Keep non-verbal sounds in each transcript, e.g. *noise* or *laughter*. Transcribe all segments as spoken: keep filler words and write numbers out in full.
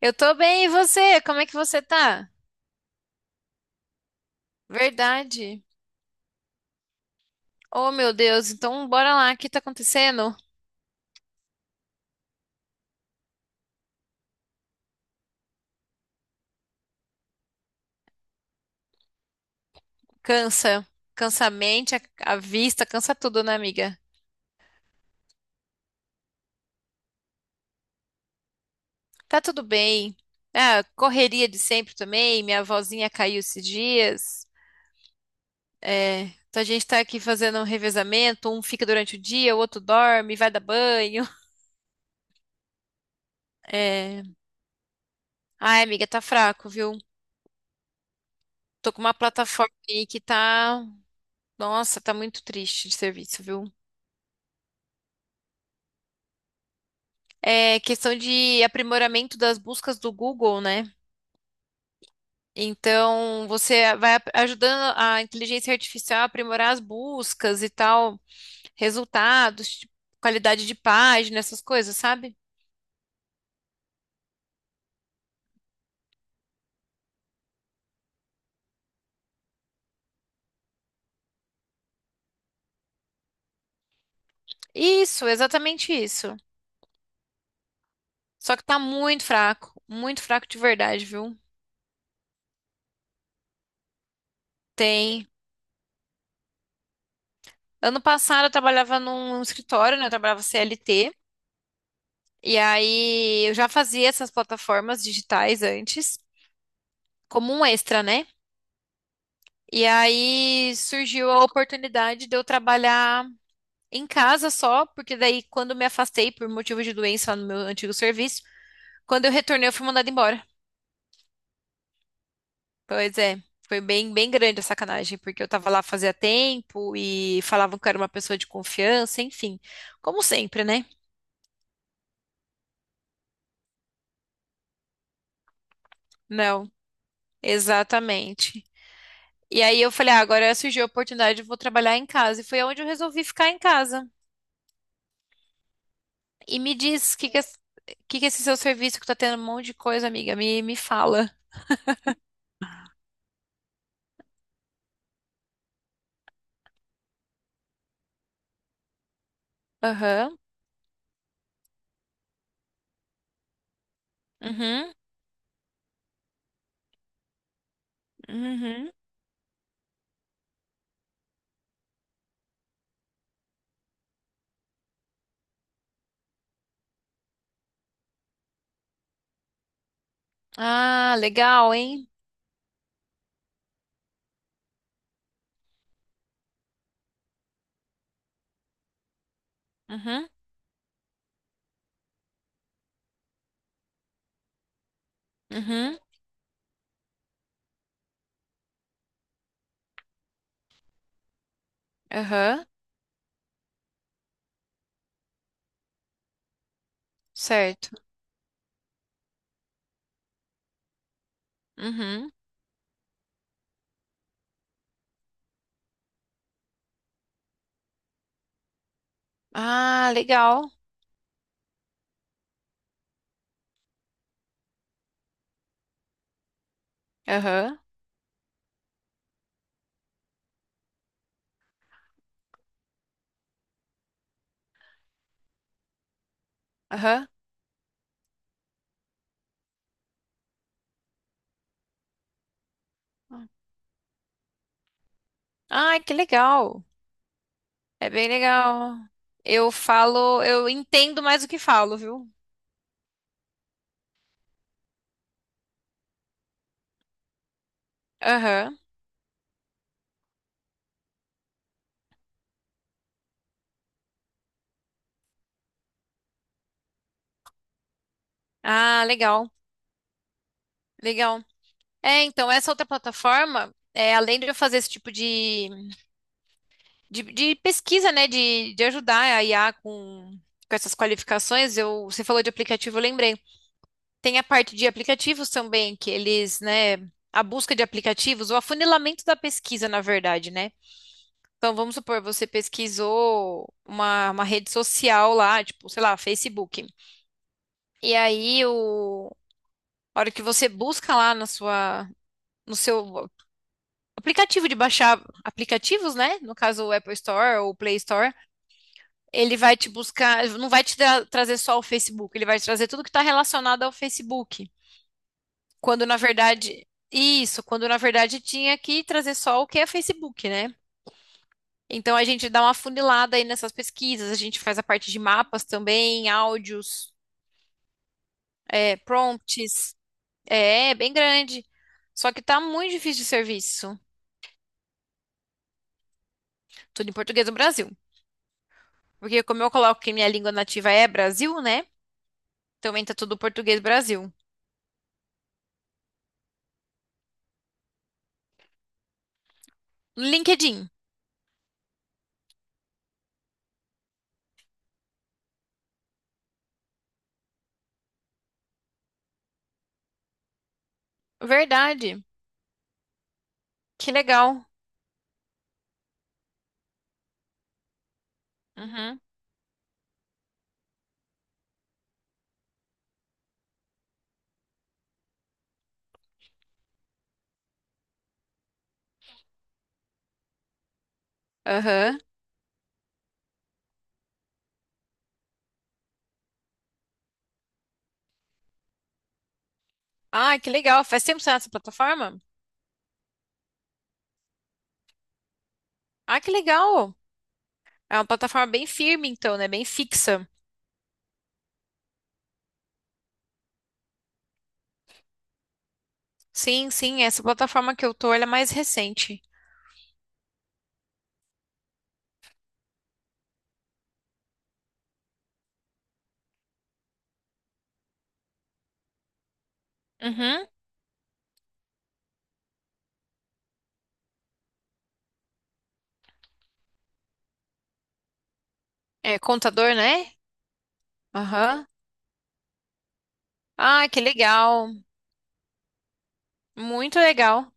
Eu tô bem, e você? Como é que você tá? Verdade. Oh, meu Deus, então bora lá, o que tá acontecendo? Cansa. Cansa a mente, a, a vista, cansa tudo, né, amiga? Tá tudo bem. Ah, correria de sempre também, minha vozinha caiu esses dias. É, então a gente tá aqui fazendo um revezamento, um fica durante o dia, o outro dorme, vai dar banho. É... Ai, amiga, tá fraco, viu? Tô com uma plataforma aí que tá... Nossa, tá muito triste de serviço, viu? É questão de aprimoramento das buscas do Google, né? Então, você vai ap- ajudando a inteligência artificial a aprimorar as buscas e tal, resultados, tipo, qualidade de página, essas coisas, sabe? Isso, exatamente isso. Só que tá muito fraco, muito fraco de verdade, viu? Tem. Ano passado eu trabalhava num escritório, né? Eu trabalhava C L T, e aí eu já fazia essas plataformas digitais antes, como um extra, né? E aí surgiu a oportunidade de eu trabalhar em casa só, porque daí quando me afastei por motivo de doença lá no meu antigo serviço, quando eu retornei eu fui mandada embora. Pois é, foi bem, bem grande a sacanagem, porque eu tava lá fazia tempo e falavam que eu era uma pessoa de confiança, enfim, como sempre, né? Não, exatamente. E aí eu falei, ah, agora surgiu a oportunidade, eu vou trabalhar em casa. E foi onde eu resolvi ficar em casa. E me diz, o que que, es- que que é esse seu serviço que tá tendo um monte de coisa, amiga, me, me fala. Aham, uhum, uhum. Ah, legal, hein? Uhum, uhum, aham, certo. Uhum. Ah, legal. Aham, aham. Ai, que legal. É bem legal. Eu falo, eu entendo mais do que falo, viu? Aham. Ah, legal, legal. É, então, essa outra plataforma, é, além de eu fazer esse tipo de de, de pesquisa, né? De, de ajudar a I A com, com essas qualificações. Eu, você falou de aplicativo, eu lembrei. Tem a parte de aplicativos também, que eles, né? A busca de aplicativos, o afunilamento da pesquisa, na verdade, né? Então, vamos supor, você pesquisou uma, uma rede social lá, tipo, sei lá, Facebook. E aí, o, a hora que você busca lá na sua, no seu aplicativo de baixar aplicativos, né? No caso, o Apple Store ou o Play Store. Ele vai te buscar, não vai te tra- trazer só o Facebook, ele vai te trazer tudo que está relacionado ao Facebook. Quando na verdade, isso, quando na verdade tinha que trazer só o que é Facebook, né? Então a gente dá uma funilada aí nessas pesquisas, a gente faz a parte de mapas também, áudios, é, prompts, é, é bem grande. Só que tá muito difícil de serviço, tudo em português do Brasil. Porque como eu coloco que minha língua nativa é Brasil, né? Também tá tudo português Brasil. LinkedIn, verdade, que legal. Uhum. Aham. Ah, que legal. Faz tempo que você tá nessa plataforma? Ah, que legal. É uma plataforma bem firme, então, né? Bem fixa. Sim, sim. Essa plataforma que eu tô, ela é mais recente. Uhum. É contador, né? Aham. Ah, que legal. Muito legal.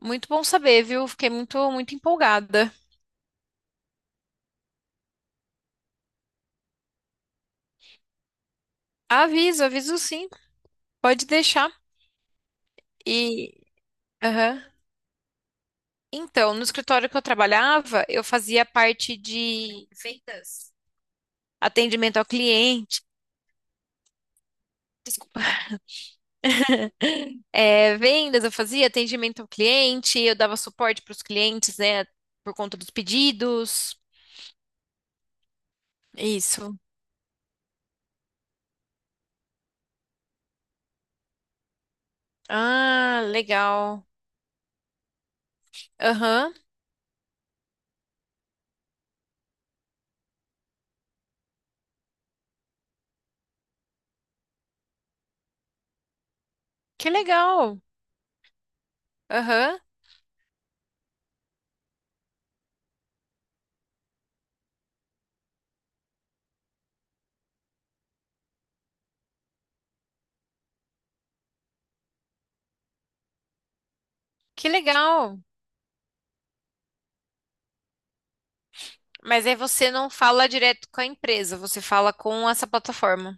Muito bom saber, viu? Fiquei muito, muito empolgada. Aviso, aviso sim. Pode deixar. E. Aham. Então, no escritório que eu trabalhava, eu fazia parte de vendas, atendimento ao cliente. Desculpa. É, vendas, eu fazia atendimento ao cliente, eu dava suporte para os clientes, né, por conta dos pedidos. Isso. Ah, legal. Aham. Que legal. Aham. Que legal. Mas aí você não fala direto com a empresa, você fala com essa plataforma.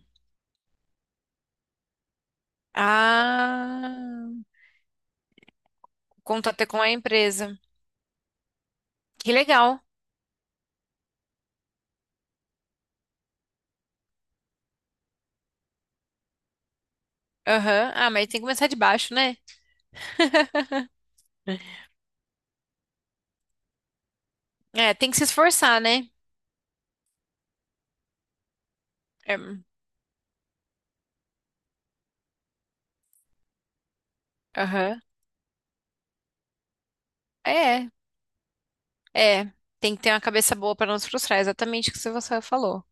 Ah, contato com a empresa. Que legal. Aham. Ah, mas tem que começar de baixo, né? *laughs* É, tem que se esforçar, né? É, aham. É, é, tem que ter uma cabeça boa para não se frustrar, exatamente o que você falou.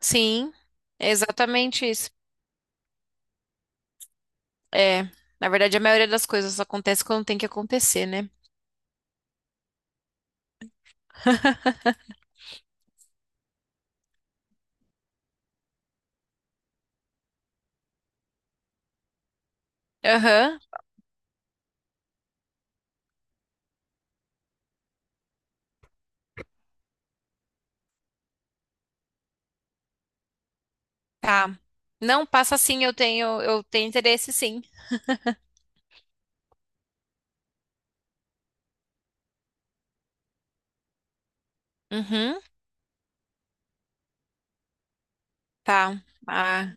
Sim, é exatamente isso. É, na verdade, a maioria das coisas acontece quando tem que acontecer, né? *laughs* Aham, tá. Não, passa sim, eu tenho, eu tenho interesse sim. Uhum, tá. Ah,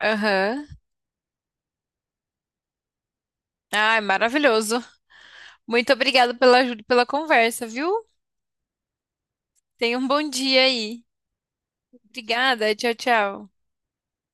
aham. Ah, é maravilhoso. Muito obrigada pela ajuda, e pela conversa, viu? Tenha um bom dia aí. Obrigada, tchau, tchau.